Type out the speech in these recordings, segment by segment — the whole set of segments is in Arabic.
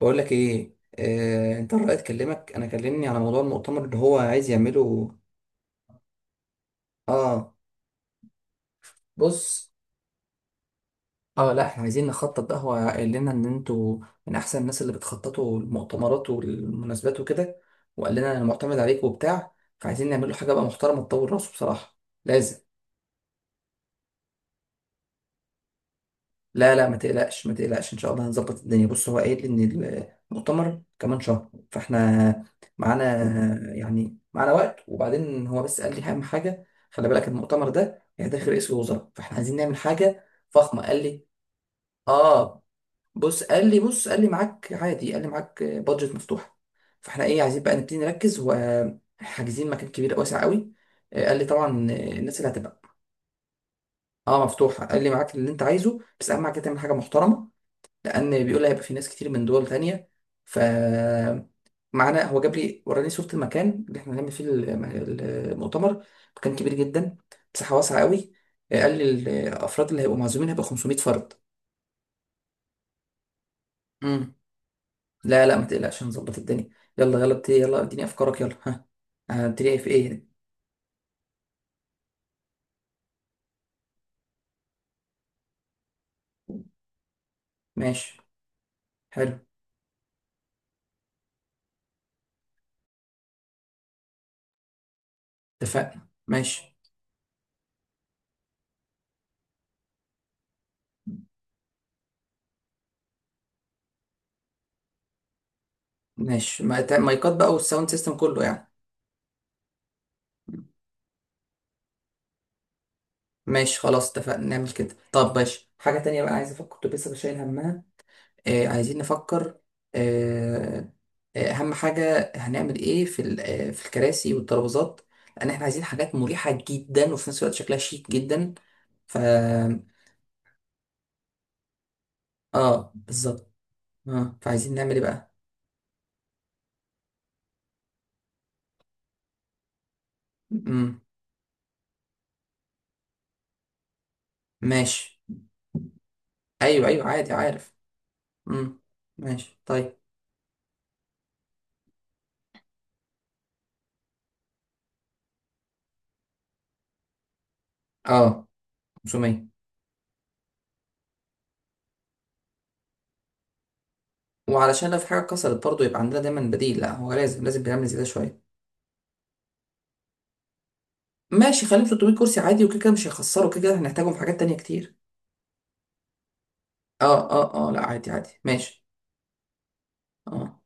بقول لك ايه، انت الرأي اتكلمك. انا كلمني على موضوع المؤتمر اللي هو عايز يعمله. اه. بص. اه، لا احنا عايزين نخطط. ده هو قال لنا ان انتوا من احسن الناس اللي بتخططوا المؤتمرات والمناسبات وكده، وقال لنا انا معتمد عليك وبتاع، فعايزين نعمل له حاجه بقى محترمه تطور راسه بصراحه. لازم. لا ما تقلقش، ما تقلقش، ان شاء الله هنظبط الدنيا. بص، هو قايل ان المؤتمر كمان شهر، فاحنا معانا. يعني معانا وقت. وبعدين هو بس قال لي اهم حاجه خلي بالك المؤتمر ده هيدخل رئيس الوزراء، فاحنا عايزين نعمل حاجه فخمه، قال لي. اه. بص قال لي، بص قال لي معاك عادي، قال لي معاك بادجت مفتوحه. فاحنا ايه، عايزين بقى نبتدي نركز. وحاجزين مكان كبير واسع قوي. قال لي طبعا الناس اللي هتبقى. اه مفتوحه، قال لي معاك اللي انت عايزه بس اهم حاجه تعمل حاجه محترمه، لان بيقول هيبقى في ناس كتير من دول تانية. ف معانا. هو جاب لي وراني صورة المكان اللي احنا هنعمل فيه المؤتمر. مكان كبير جدا، مساحة واسعة قوي. قال لي الافراد اللي هيبقوا معزومين هيبقى 500 فرد. امم لا لا ما تقلقش، هنظبط الدنيا. يلا يلا ابتدي، يلا اديني افكارك، يلا ها. هنبتدي في ايه؟ ماشي. حلو. اتفقنا. ماشي. ماشي، مايكات بقى والساوند سيستم كله يعني. ماشي خلاص اتفقنا نعمل كده. طب ماشي حاجة تانية بقى عايز افكر كنت لسه شايل همها. عايزين نفكر. آه، أهم حاجة هنعمل إيه في ال- آه، في الكراسي والترابيزات، لأن إحنا عايزين حاجات مريحة جدا وفي نفس الوقت شكلها شيك جدا. ف آه بالظبط. آه، فعايزين نعمل إيه بقى؟ مم. ماشي. أيوه أيوه عادي عارف. مم. ماشي طيب. آه، 500. وعلشان لو في حاجة اتكسرت برضه يبقى عندنا دايما بديل. لا هو لازم، لازم بنعمل زيادة شوية. ماشي خليهم 300 كرسي عادي، وكده كده مش هيخسروا، كده كده هنحتاجهم في حاجات تانية كتير. اه لا عادي عادي ماشي. اه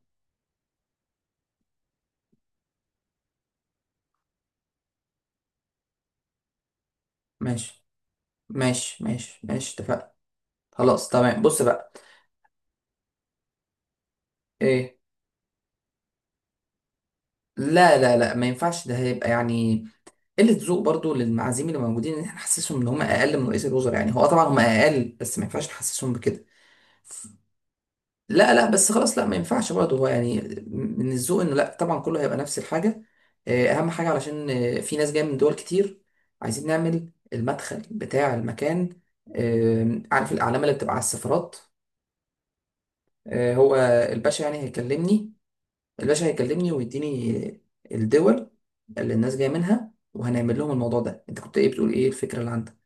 ماشي. ماشي اتفقنا. خلاص تمام. بص بقى. ايه؟ لا ما ينفعش، ده هيبقى يعني قلة ذوق برضو للمعازيم اللي موجودين، ان احنا نحسسهم ان هم اقل من رئيس الوزراء. يعني هو طبعا هم اقل بس ما ينفعش نحسسهم بكده. ف- لا لا بس خلاص، لا ما ينفعش برضو، هو يعني من الذوق انه لا طبعا كله هيبقى نفس الحاجة. إيه، اهم حاجة علشان إيه، في ناس جاية من دول كتير، عايزين نعمل المدخل بتاع المكان. إيه، عارف الأعلام اللي بتبقى على السفارات؟ هو الباشا يعني هيكلمني. الباشا هيكلمني ويديني الدول اللي الناس جايه منها، وهنعمل لهم الموضوع ده. انت كنت ايه بتقول، ايه الفكره اللي عندك؟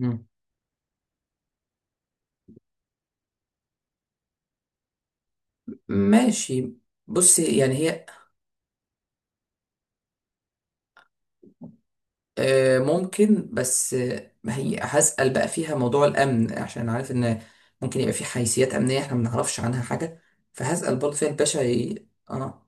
مم. ماشي. بص يعني هي، ممكن بس، آه، ما هي هسأل بقى فيها موضوع الأمن عشان عارف إن ممكن يبقى في حيثيات أمنية إحنا ما نعرفش عنها حاجة. فهسأل برضه فيها الباشا، ي... آه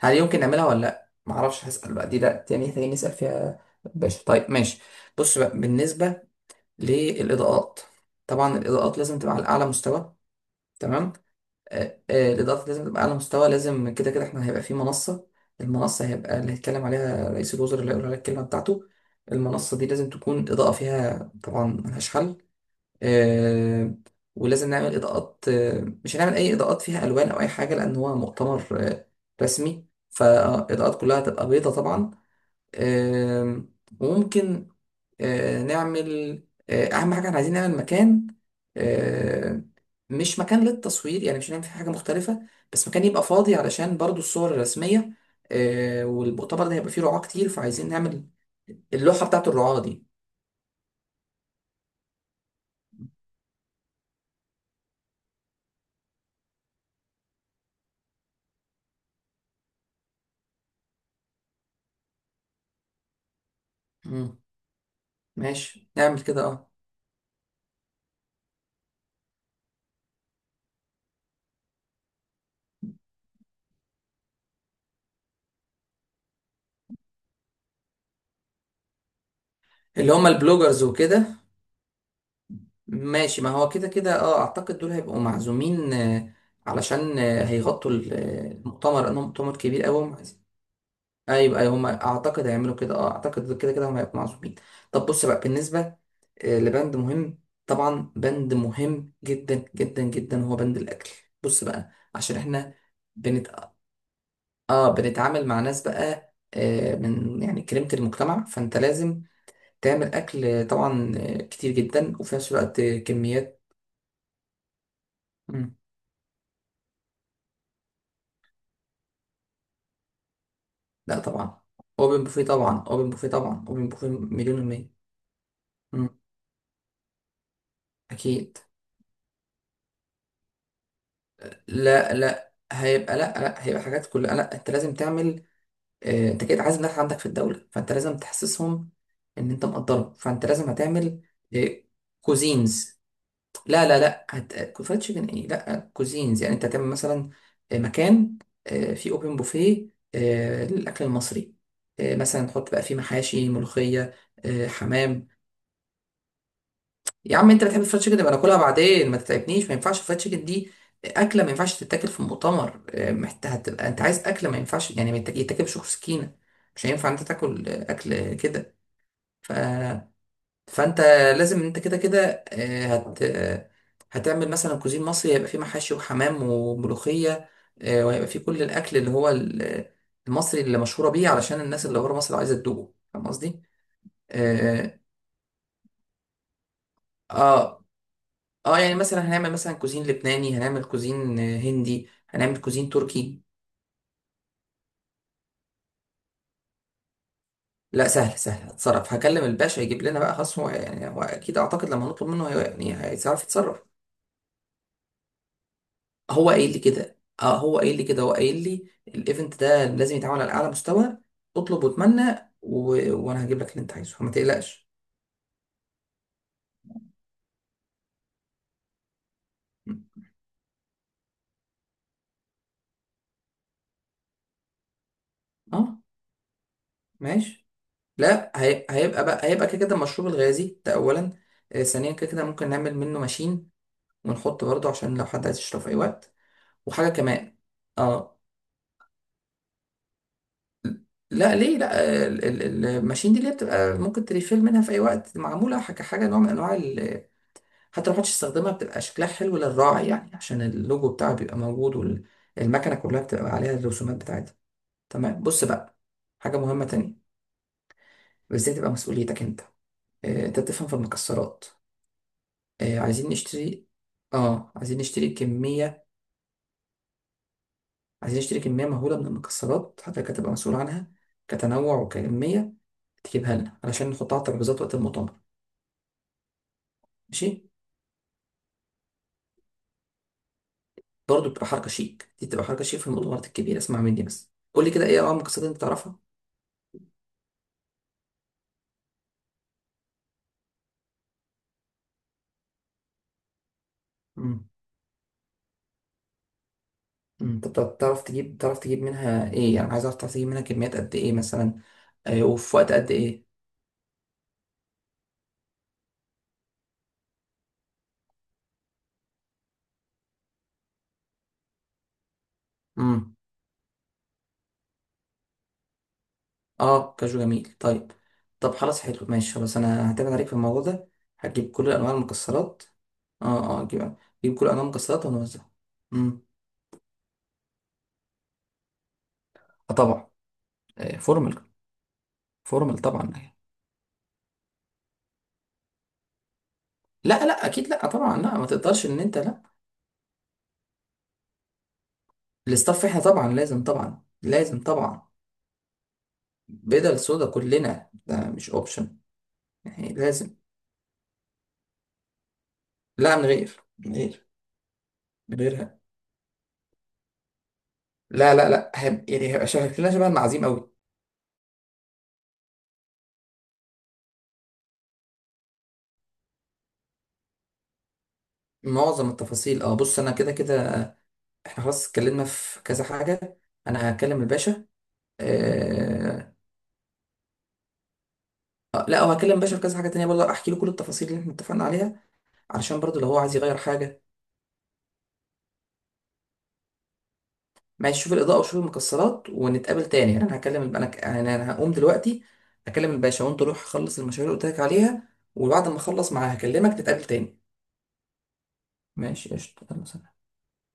هل يمكن نعملها ولا لأ؟ ما أعرفش، هسأل بقى. دي لأ، تاني محتاجين نسأل فيها الباشا. طيب ماشي. بص بقى بالنسبة للإضاءات، طبعا الإضاءات لازم تبقى على أعلى مستوى. تمام. الإضاءات لازم تبقى على أعلى مستوى. لازم كده كده إحنا هيبقى في منصة. المنصة هيبقى اللي هيتكلم عليها رئيس الوزراء، اللي هيقول عليها الكلمة بتاعته. المنصة دي لازم تكون الإضاءة فيها طبعا ملهاش حل. آه، ولازم نعمل إضاءات، مش هنعمل أي إضاءات فيها ألوان أو أي حاجة لأن هو مؤتمر آه، رسمي، فالإضاءات كلها هتبقى بيضة طبعا. آم، وممكن نعمل، اهم حاجه احنا عايزين نعمل مكان، آه، مش مكان للتصوير يعني، مش هنعمل فيه حاجه مختلفه، بس مكان يبقى فاضي علشان برضو الصور الرسميه. والمؤتمر ده هيبقى فيه رعاة كتير، فعايزين نعمل اللوحه بتاعت الرعاة دي. مم. ماشي نعمل كده. اه اللي هم البلوجرز وكده. ماشي، ما هو كده كده اه اعتقد دول هيبقوا معزومين، علشان هيغطوا المؤتمر لانه مؤتمر كبير قوي. ايوه ايوه هم اعتقد هيعملوا كده، اه اعتقد كده كده هم هيكونوا معزومين. طب بص بقى بالنسبه لبند مهم، طبعا بند مهم جدا جدا جدا هو بند الاكل. بص بقى عشان احنا بنت... اه بنتعامل مع ناس بقى آه من يعني كريمه المجتمع، فانت لازم تعمل اكل طبعا كتير جدا، وفي نفس الوقت كميات. مم. لا طبعا، اوبن بوفيه طبعا، اوبن بوفيه طبعا، اوبن بوفيه مليون المية. مم. اكيد. لا هيبقى، لا هيبقى حاجات كلها. لا انت لازم تعمل، انت كده عايز الناس عندك في الدولة، فانت لازم تحسسهم ان انت مقدرهم، فانت لازم هتعمل كوزينز. لا لا لا هت... فرايد تشيكن ايه؟ لا كوزينز. يعني انت هتعمل مثلا مكان فيه اوبن بوفيه للاكل المصري. مثلا تحط بقى فيه محاشي، ملوخية، حمام. يا عم انت بتحب الفرايد تشيكن، يبقى ناكلها بعدين ما تتعبنيش. ما ينفعش الفرايد تشيكن دي اكله ما ينفعش تتاكل في مؤتمر. هتبقى انت عايز اكله ما ينفعش يعني يتاكل بشوك سكينه، مش هينفع انت تاكل اكل كده. ف... فانت لازم، انت كده كده اه، هت... اه، هتعمل مثلا كوزين مصري هيبقى فيه محاشي وحمام وملوخيه. اه، وهيبقى فيه كل الاكل اللي هو المصري اللي مشهوره بيه، علشان الناس اللي بره مصر عايزه تدوقه. فاهم قصدي؟ اه. آه، اه يعني مثلا هنعمل مثلا كوزين لبناني، هنعمل كوزين هندي، هنعمل كوزين تركي. لا سهل سهل هتصرف، هكلم الباشا يجيب لنا بقى خلاص. هو يعني هو اكيد اعتقد لما نطلب منه يعني هيعرف يتصرف. هو قايل لي كده، اه هو قايل لي كده، هو قايل لي الايفنت ده لازم يتعمل على اعلى مستوى. اطلب واتمنى و... وانا هجيب لك اللي انت عايزه، فما تقلقش. اه ماشي. لا هي... هيبقى بقى، هيبقى كده كده المشروب الغازي ده اولا. آه ثانيا كده كده ممكن نعمل منه ماشين ونحط برضه عشان لو حد عايز يشرب في اي وقت. وحاجه كمان. اه، لا ليه؟ لا الماشين دي اللي هي بتبقى ممكن تريفيل منها في اي وقت، معموله كحاجه نوع من انواع حتى لو محدش استخدمها بتبقى شكلها حلو للراعي، يعني عشان اللوجو بتاعه بيبقى موجود والمكنه كلها بتبقى عليها الرسومات بتاعتها. تمام. بص بقى حاجه مهمه تانية، وازاي تبقى مسؤوليتك انت، انت بتفهم في المكسرات. عايزين نشتري، اه عايزين نشتري كميه، عايزين نشتري كمية مهولة من المكسرات، حضرتك هتبقى مسؤول عنها كتنوع وكمية، تجيبها لنا علشان نحطها على الترابيزات وقت المؤتمر. ماشي، برضه بتبقى حركة شيك، دي بتبقى حركة شيك في المؤتمرات الكبيرة. اسمع مني بس، قول لي كده ايه انواع المكسرات اللي انت تعرفها. امم، انت بتعرف تجيب تعرف تجيب منها ايه يعني، عايز اعرف تعرف تجيب منها كميات قد ايه مثلا، وفي وقت قد ايه؟ مم. اه كاجو جميل، طيب. طب خلاص حلو ماشي، خلاص انا هعتمد عليك في الموضوع ده، هتجيب كل انواع المكسرات. اه هتجيب، هتجيب كل انواع المكسرات ونوزعها. امم. آه طبعا. فورمال. فورمال طبعا. لا لا اكيد لا طبعا لا، ما تقدرش ان انت لا، الاستاف احنا طبعا لازم، طبعا لازم، طبعا بدل سودا كلنا، ده مش اوبشن، يعني لازم. لا من غير، من غير، من غيرها. لا هيبقى يعني هيبقى شكلنا شبه المعازيم قوي. معظم التفاصيل اه، بص انا كده كده، احنا خلاص اتكلمنا في كذا حاجة. انا هكلم الباشا. آه... لا وهكلم الباشا في كذا حاجة تانية برضه، احكي له كل التفاصيل اللي احنا اتفقنا عليها علشان برضه لو هو عايز يغير حاجة. ماشي شوف الإضاءة وشوف المكسرات ونتقابل تاني. يعني انا هكلم يعني انا هقوم دلوقتي اكلم الباشا، وانت روح خلص المشاريع اللي قلت لك عليها. وبعد ما اخلص معاه هكلمك نتقابل تاني. ماشي قشطة، يلا سلام.